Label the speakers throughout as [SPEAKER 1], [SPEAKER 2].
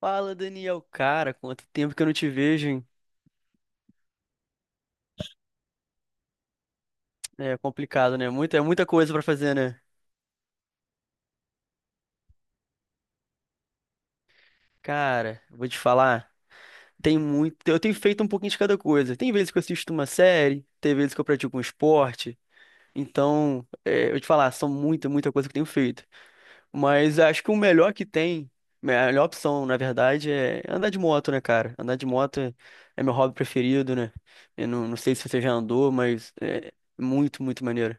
[SPEAKER 1] Fala, Daniel. Cara, quanto tempo que eu não te vejo, hein? É complicado, né? É muita coisa pra fazer, né? Cara, vou te falar. Tem muito. Eu tenho feito um pouquinho de cada coisa. Tem vezes que eu assisto uma série, tem vezes que eu pratico um esporte. Então, é, eu vou te falar, são muita coisa que eu tenho feito. Mas acho que o melhor que tem, a melhor opção, na verdade, é andar de moto, né, cara? Andar de moto é, é meu hobby preferido, né? Eu não sei se você já andou, mas é muito maneiro.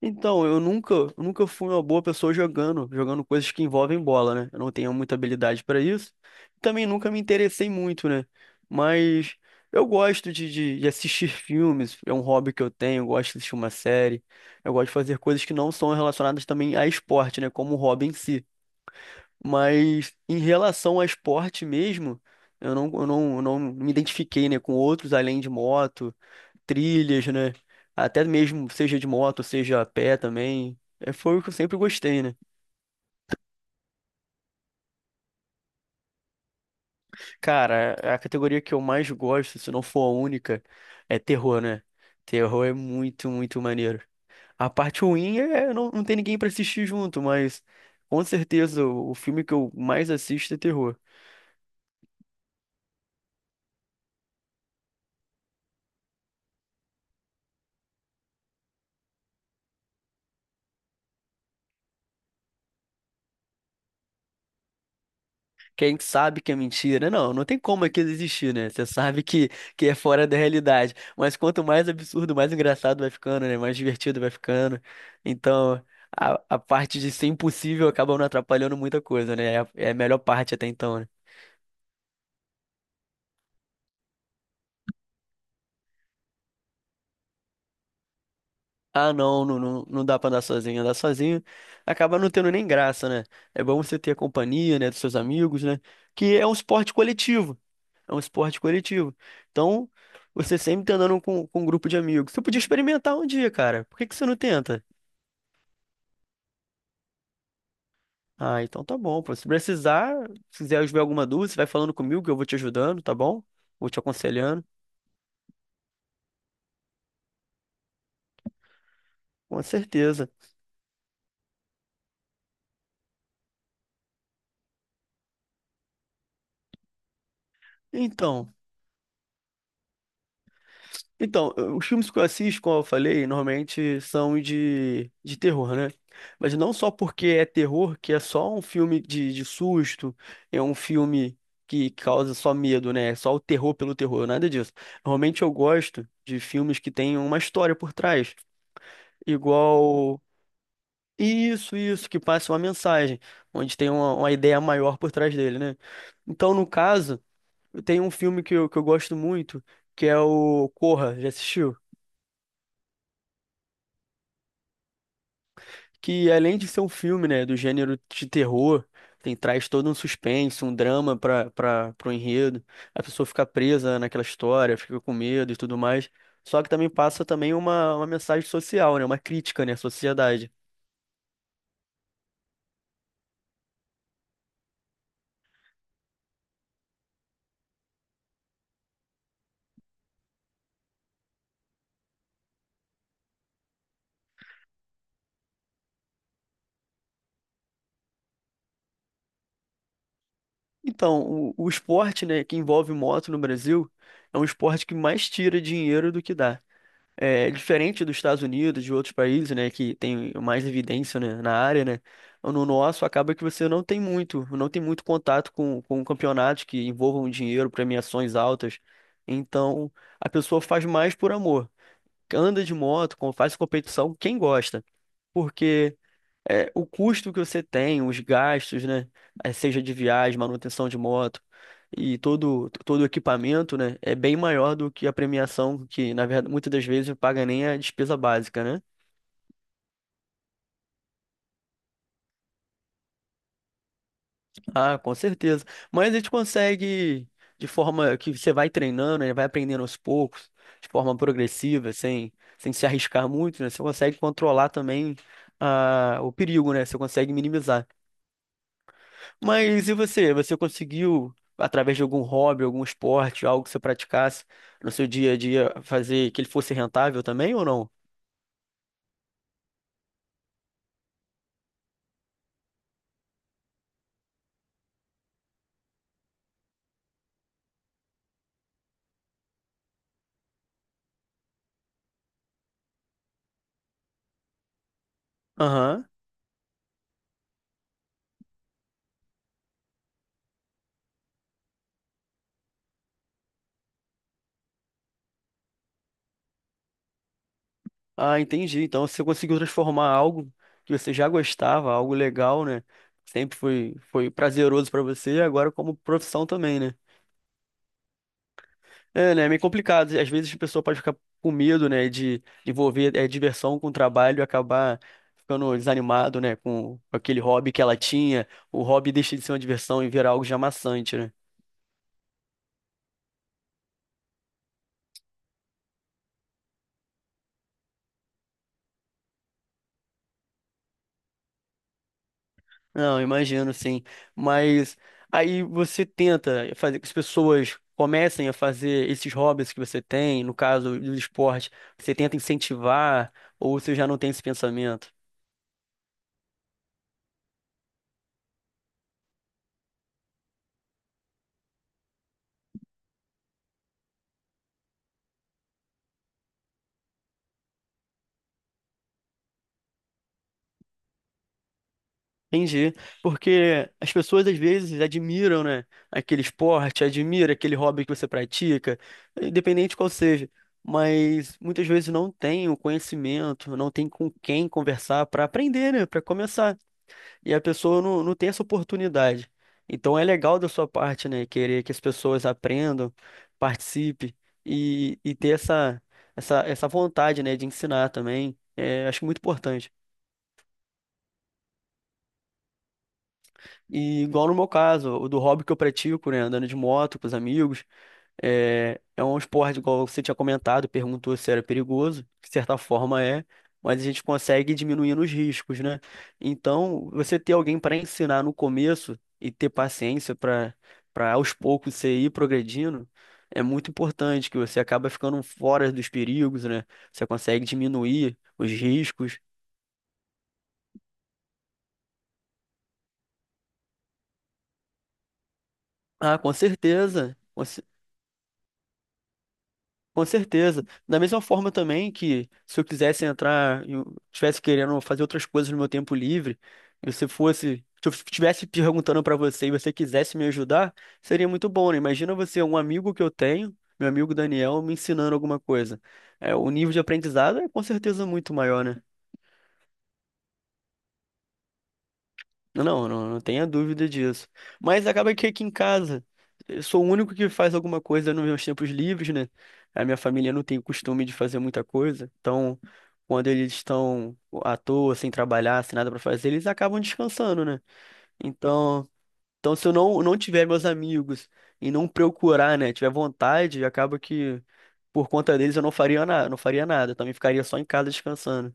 [SPEAKER 1] Então, eu nunca fui uma boa pessoa jogando coisas que envolvem bola, né? Eu não tenho muita habilidade para isso. Também nunca me interessei muito, né? Mas eu gosto de assistir filmes, é um hobby que eu tenho, eu gosto de assistir uma série. Eu gosto de fazer coisas que não são relacionadas também a esporte, né? Como o hobby em si. Mas em relação a esporte mesmo, eu não me identifiquei, né, com outros além de moto, trilhas, né? Até mesmo, seja de moto, seja a pé também. É, foi o que eu sempre gostei, né? Cara, a categoria que eu mais gosto, se não for a única, é terror, né? Terror é muito maneiro. A parte ruim é, não ter ninguém pra assistir junto, mas com certeza o filme que eu mais assisto é terror. Quem sabe que é mentira? Não tem como aquilo existir, né? Você sabe que é fora da realidade. Mas quanto mais absurdo, mais engraçado vai ficando, né? Mais divertido vai ficando. Então, a parte de ser impossível acaba não atrapalhando muita coisa, né? É a melhor parte até então, né? Ah, não, não, não, não dá pra andar sozinho. Andar sozinho acaba não tendo nem graça, né? É bom você ter a companhia, né, dos seus amigos, né? Que é um esporte coletivo. É um esporte coletivo. Então, você sempre tá andando com um grupo de amigos. Você podia experimentar um dia, cara. Por que que você não tenta? Ah, então tá bom, pô. Se precisar, se quiser ver alguma dúvida, você vai falando comigo que eu vou te ajudando, tá bom? Vou te aconselhando. Com certeza. Então. Então, os filmes que eu assisto, como eu falei, normalmente são de terror, né? Mas não só porque é terror, que é só um filme de susto, é um filme que causa só medo, né? É só o terror pelo terror, nada disso. Normalmente eu gosto de filmes que têm uma história por trás, igual isso, isso, que passa uma mensagem, onde tem uma ideia maior por trás dele, né? Então, no caso, tem um filme que eu gosto muito, que é o Corra, já assistiu? Que além de ser um filme, né, do gênero de terror, tem traz todo um suspense, um drama para para pro enredo. A pessoa fica presa naquela história, fica com medo e tudo mais. Só que também passa também uma mensagem social, né, uma crítica, né, à sociedade. Então, o esporte, né, que envolve moto no Brasil, é um esporte que mais tira dinheiro do que dá. É, diferente dos Estados Unidos, de outros países, né, que tem mais evidência, né, na área, né, no nosso acaba que você não tem muito, não tem muito contato com campeonatos que envolvam dinheiro, premiações altas. Então, a pessoa faz mais por amor. Anda de moto, faz competição, quem gosta. Porque é, o custo que você tem, os gastos, né? Seja de viagem, manutenção de moto e todo o equipamento, né? É bem maior do que a premiação, que na verdade muitas das vezes não paga nem a despesa básica, né? Ah, com certeza. Mas a gente consegue, de forma que você vai treinando, né? Vai aprendendo aos poucos, de forma progressiva, sem, sem se arriscar muito, né? Você consegue controlar também o perigo, né? Você consegue minimizar. Mas e você? Você conseguiu, através de algum hobby, algum esporte, algo que você praticasse no seu dia a dia, fazer que ele fosse rentável também ou não? Aham. Ah, entendi. Então você conseguiu transformar algo que você já gostava, algo legal, né? Sempre foi, foi prazeroso pra você, agora como profissão também, né? É, né? É meio complicado. Às vezes a pessoa pode ficar com medo, né, de envolver diversão com trabalho e acabar ficando desanimado, né, com aquele hobby que ela tinha. O hobby deixa de ser uma diversão e virar algo já maçante, né? Não, imagino, sim. Mas aí você tenta fazer que as pessoas comecem a fazer esses hobbies que você tem, no caso do esporte, você tenta incentivar ou você já não tem esse pensamento? Entendi. Porque as pessoas às vezes admiram, né, aquele esporte, admira aquele hobby que você pratica, independente qual seja, mas muitas vezes não tem o conhecimento, não tem com quem conversar para aprender, né, para começar. E a pessoa não tem essa oportunidade. Então é legal da sua parte, né, querer que as pessoas aprendam, participem e ter essa vontade, né, de ensinar também. É, acho muito importante. E igual no meu caso, o do hobby que eu pratico, né, andando de moto com os amigos, é, é um esporte, igual você tinha comentado, perguntou se era perigoso, de certa forma é, mas a gente consegue diminuir os riscos, né? Então, você ter alguém para ensinar no começo e ter paciência para aos poucos você ir progredindo, é muito importante, que você acaba ficando fora dos perigos, né? Você consegue diminuir os riscos. Ah, com certeza. Com certeza. Da mesma forma também que se eu quisesse entrar, eu estivesse querendo fazer outras coisas no meu tempo livre, e você fosse, se eu estivesse perguntando para você e você quisesse me ajudar, seria muito bom, né? Imagina você, um amigo que eu tenho, meu amigo Daniel, me ensinando alguma coisa. É, o nível de aprendizado é com certeza muito maior, né? Não tenha dúvida disso. Mas acaba que aqui em casa, eu sou o único que faz alguma coisa nos meus tempos livres, né? A minha família não tem o costume de fazer muita coisa. Então, quando eles estão à toa, sem trabalhar, sem nada pra fazer, eles acabam descansando, né? Então, então se eu não, não tiver meus amigos e não procurar, né, tiver vontade, acaba que por conta deles eu não faria nada, não faria nada. Eu também ficaria só em casa descansando.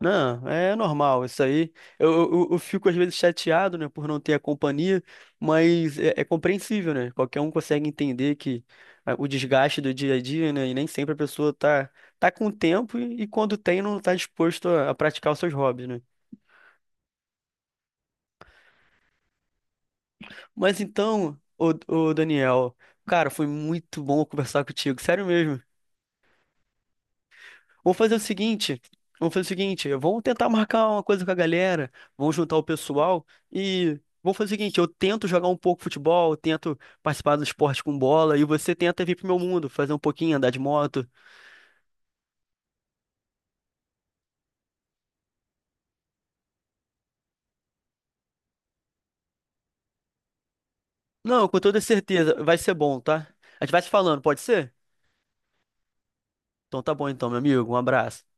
[SPEAKER 1] Não, é normal isso aí. Eu fico às vezes chateado, né, por não ter a companhia, mas é, é compreensível, né? Qualquer um consegue entender que o desgaste do dia a dia, né, e nem sempre a pessoa tá com tempo e quando tem não tá disposto a praticar os seus hobbies, né? Mas então, ô Daniel, cara, foi muito bom conversar contigo, sério mesmo. Vamos fazer o seguinte, vamos fazer o seguinte, vamos tentar marcar uma coisa com a galera, vamos juntar o pessoal e vamos fazer o seguinte, eu tento jogar um pouco futebol, eu tento participar do esporte com bola e você tenta vir pro meu mundo, fazer um pouquinho, andar de moto. Não, com toda certeza, vai ser bom, tá? A gente vai se falando, pode ser? Então tá bom então, meu amigo, um abraço.